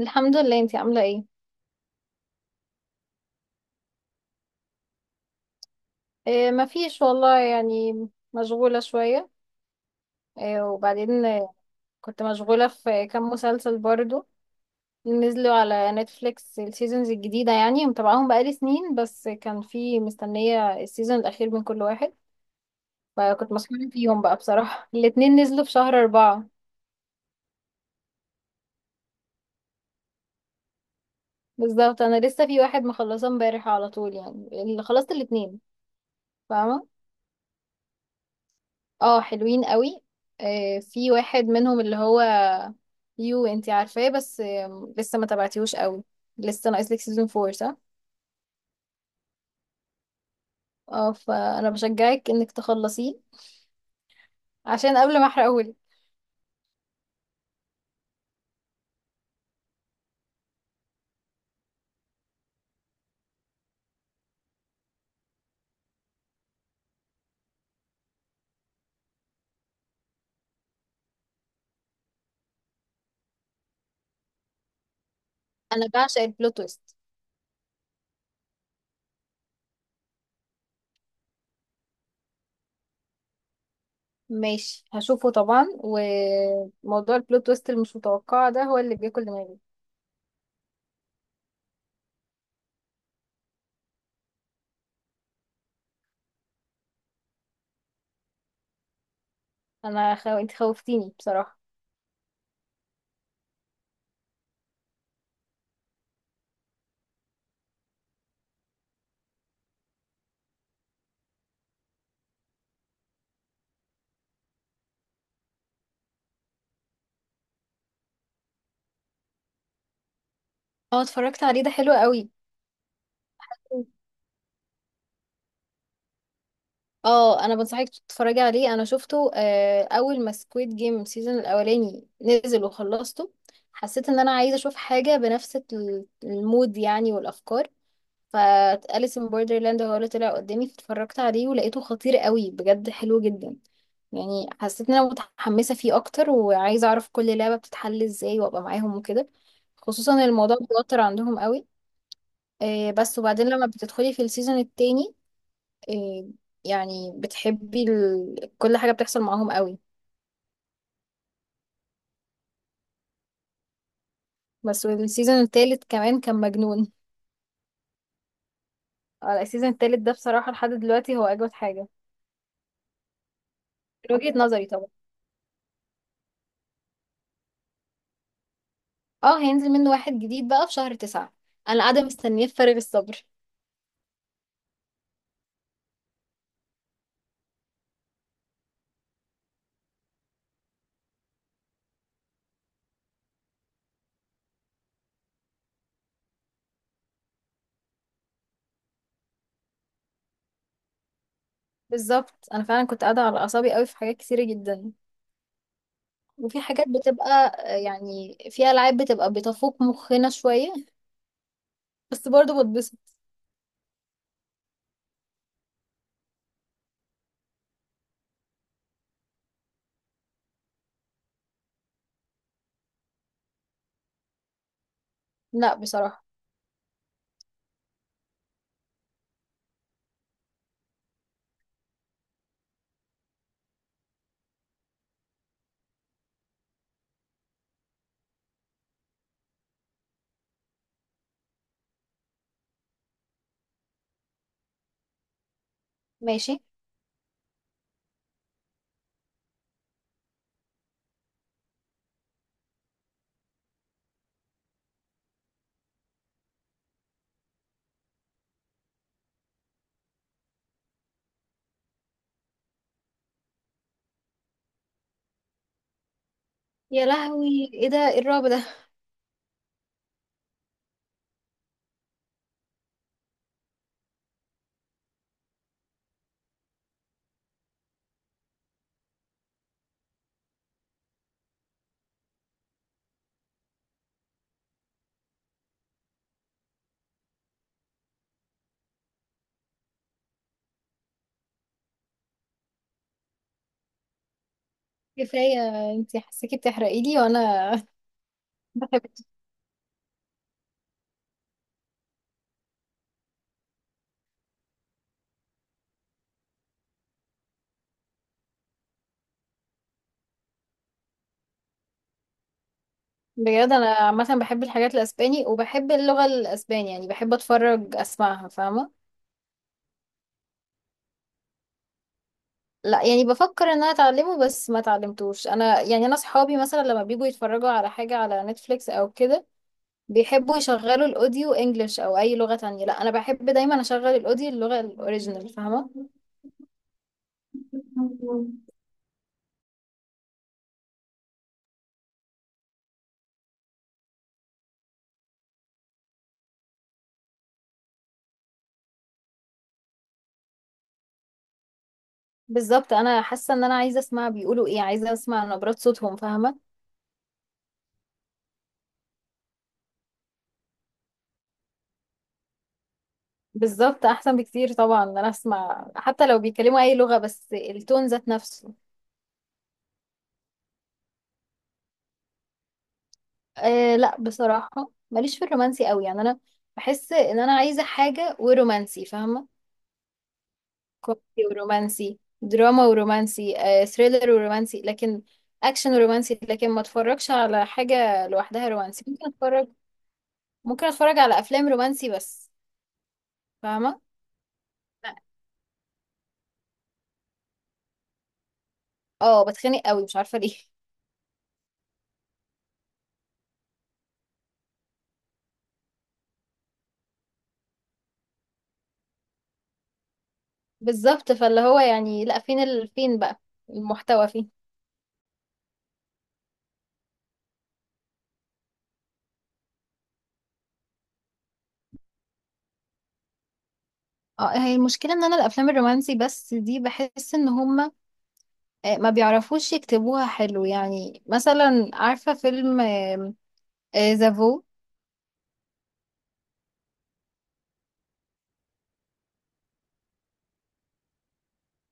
الحمد لله، انتي عاملة ايه؟ اه، مفيش والله، يعني مشغولة شوية. اه وبعدين كنت مشغولة في كام مسلسل برضو. نزلوا على نتفليكس السيزونز الجديدة، يعني متابعاهم بقالي سنين، بس كان في مستنية السيزون الأخير من كل واحد. فكنت مسحولة فيهم بقى بصراحة، الاتنين نزلوا في شهر أربعة. بالظبط، أنا لسه في واحد مخلصة امبارح على طول، يعني اللي خلصت الاتنين. فاهمة؟ اه، حلوين قوي. في واحد منهم اللي هو يو انتي عارفاه، بس لسه ما تابعتيهوش قوي. لسه ناقص لك سيزون 4 صح. اه، فانا بشجعك انك تخلصيه عشان قبل ما احرقهولك. انا بعشق البلوت تويست. ماشي، هشوفه طبعا، وموضوع البلوت تويست المش متوقعه ده هو اللي بياكل دماغي. انت خوفتيني بصراحه. اه اتفرجت عليه، ده حلو قوي. اه، انا بنصحك تتفرجي عليه. انا شفته اول ما سكويد جيم سيزون الاولاني نزل وخلصته. حسيت ان انا عايزه اشوف حاجه بنفس المود يعني والافكار. فأليس ان بوردرلاند هو اللي طلع قدامي، فاتفرجت عليه ولقيته خطير قوي بجد، حلو جدا. يعني حسيت ان انا متحمسه فيه اكتر، وعايزه اعرف كل لعبه بتتحل ازاي وابقى معاهم وكده. خصوصا الموضوع بيوتر عندهم قوي. بس وبعدين لما بتدخلي في السيزون التاني. إيه، يعني بتحبي كل حاجة بتحصل معاهم قوي. بس السيزون التالت كمان كان مجنون. السيزون التالت ده بصراحة لحد دلوقتي هو أجمد حاجة، من وجهة نظري طبعا. اه، هينزل منه واحد جديد بقى في شهر تسعة. أنا قاعدة مستنية بفارغ الصبر. بالظبط، أنا فعلا كنت قاعدة على أعصابي قوي في حاجات كتيرة جدا. وفي حاجات بتبقى يعني في ألعاب بتبقى بتفوق مخنا شوية، بس برضه بتبسط. لا بصراحة. ماشي. يا لهوي، ايه ده، ايه الرعب ده؟ كفاية، انتي حسيكي بتحرقي لي وانا بحب. بجد انا عامة بحب الحاجات الاسباني، وبحب اللغة الاسباني، يعني بحب اتفرج اسمعها، فاهمة. لا، يعني بفكر ان انا اتعلمه بس ما اتعلمتوش انا. يعني انا صحابي مثلا لما بيجوا يتفرجوا على حاجة على نتفليكس او كده، بيحبوا يشغلوا الاوديو انجلش او اي لغة تانية. لا، انا بحب دايما اشغل الاوديو اللغة الاوريجينال، فاهمة. بالظبط، انا حاسة ان انا عايزة اسمع بيقولوا ايه، عايزة اسمع نبرات صوتهم، فاهمة. بالظبط، احسن بكتير طبعا ان انا اسمع حتى لو بيتكلموا اي لغة، بس التون ذات نفسه. لا بصراحة، ماليش في الرومانسي قوي، يعني انا بحس ان انا عايزة حاجة ورومانسي، فاهمة. كوميدي ورومانسي، دراما ورومانسي، أه ثريلر ورومانسي، لكن اكشن ورومانسي، لكن ما اتفرجش على حاجة لوحدها رومانسي. ممكن اتفرج، ممكن اتفرج على افلام رومانسي بس، فاهمة. لا. اه بتخنق قوي، مش عارفة ليه بالظبط، فاللي هو يعني لا، فين فين بقى المحتوى، فين. اه، هي المشكلة ان انا الافلام الرومانسي بس دي بحس ان هما ما بيعرفوش يكتبوها حلو. يعني مثلا، عارفة فيلم زافو،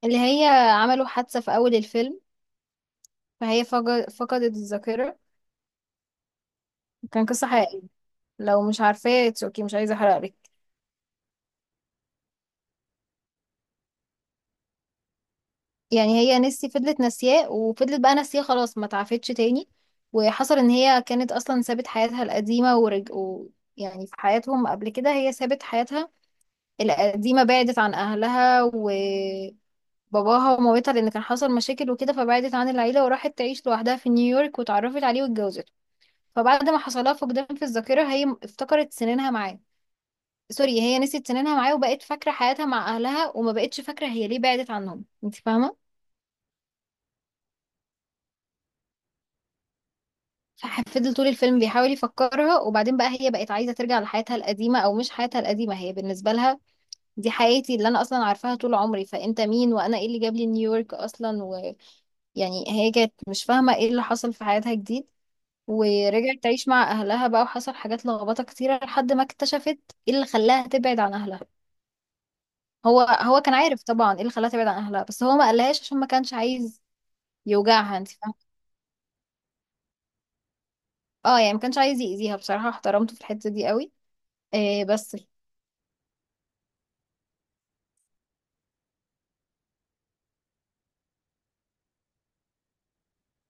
اللي هي عملوا حادثة في اول الفيلم، فهي فقدت الذاكرة. كان قصة حقيقية. لو مش عارفاه it's okay، مش عايزة احرقلك. يعني هي فضلت ناسياه، وفضلت بقى ناسياه، خلاص، ما تعافتش تاني. وحصل ان هي كانت اصلا سابت حياتها القديمة يعني في حياتهم قبل كده، هي سابت حياتها القديمة، بعدت عن أهلها وباباها ومامتها، لأن كان حصل مشاكل وكده، فبعدت عن العيلة وراحت تعيش لوحدها في نيويورك، واتعرفت عليه واتجوزته. فبعد ما حصلها فقدان في الذاكرة، هي افتكرت سنينها معاه. سوري، هي نسيت سنينها معاه، وبقت فاكرة حياتها مع أهلها، وما بقتش فاكرة هي ليه بعدت عنهم. انت فاهمة؟ ففضل طول الفيلم بيحاول يفكرها. وبعدين بقى هي بقت عايزة ترجع لحياتها القديمة، أو مش حياتها القديمة، هي بالنسبة لها دي حياتي اللي أنا أصلا عارفاها طول عمري، فأنت مين، وأنا إيه اللي جاب لي نيويورك أصلا و... يعني هي كانت مش فاهمة ايه اللي حصل في حياتها جديد. ورجعت تعيش مع اهلها بقى، وحصل حاجات لخبطة كتيرة لحد ما اكتشفت ايه اللي خلاها تبعد عن اهلها. هو هو كان عارف طبعا ايه اللي خلاها تبعد عن اهلها، بس هو ما قالهاش عشان ما كانش عايز يوجعها، انت فاهمة. اه، يعني ما كانش عايز يأذيها. بصراحة احترمته في الحتة دي قوي. إيه بس،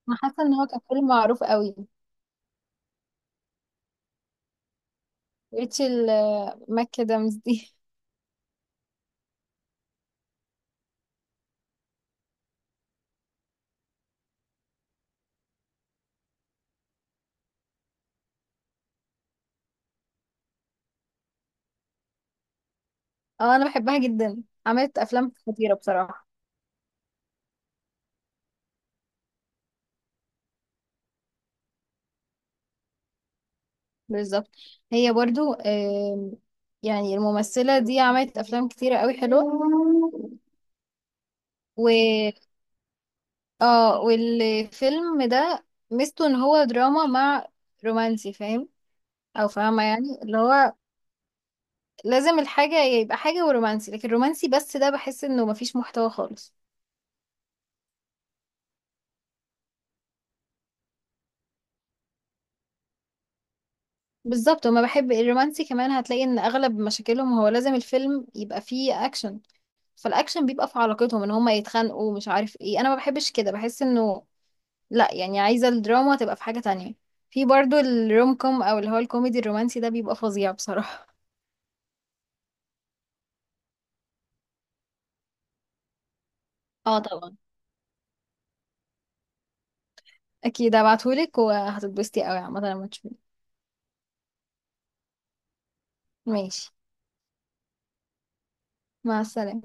انا حاسة ان هو كان فيلم معروف قوي. ريتشل ماك ادمز دي اه انا بحبها جدا، عملت افلام خطيرة بصراحة. بالظبط. هي برضو يعني الممثلة دي عملت أفلام كتيرة قوي حلوة. و اه والفيلم ده ميزته ان هو دراما مع رومانسي، فاهم او فاهمة، يعني اللي هو لازم الحاجة يبقى حاجة ورومانسي، لكن الرومانسي بس ده بحس انه مفيش محتوى خالص. بالظبط. وما بحب الرومانسي، كمان هتلاقي ان اغلب مشاكلهم هو لازم الفيلم يبقى فيه اكشن، فالاكشن بيبقى في علاقتهم ان هما يتخانقوا مش عارف ايه. انا ما بحبش كده، بحس انه لا، يعني عايزة الدراما تبقى في حاجة تانية. في برضو الروم كوم او اللي هو الكوميدي الرومانسي، ده بيبقى فظيع بصراحة. اه طبعا، اكيد هبعتهولك وهتتبسطي قوي عامة لما تشوفيه. ماشي. مع السلامة.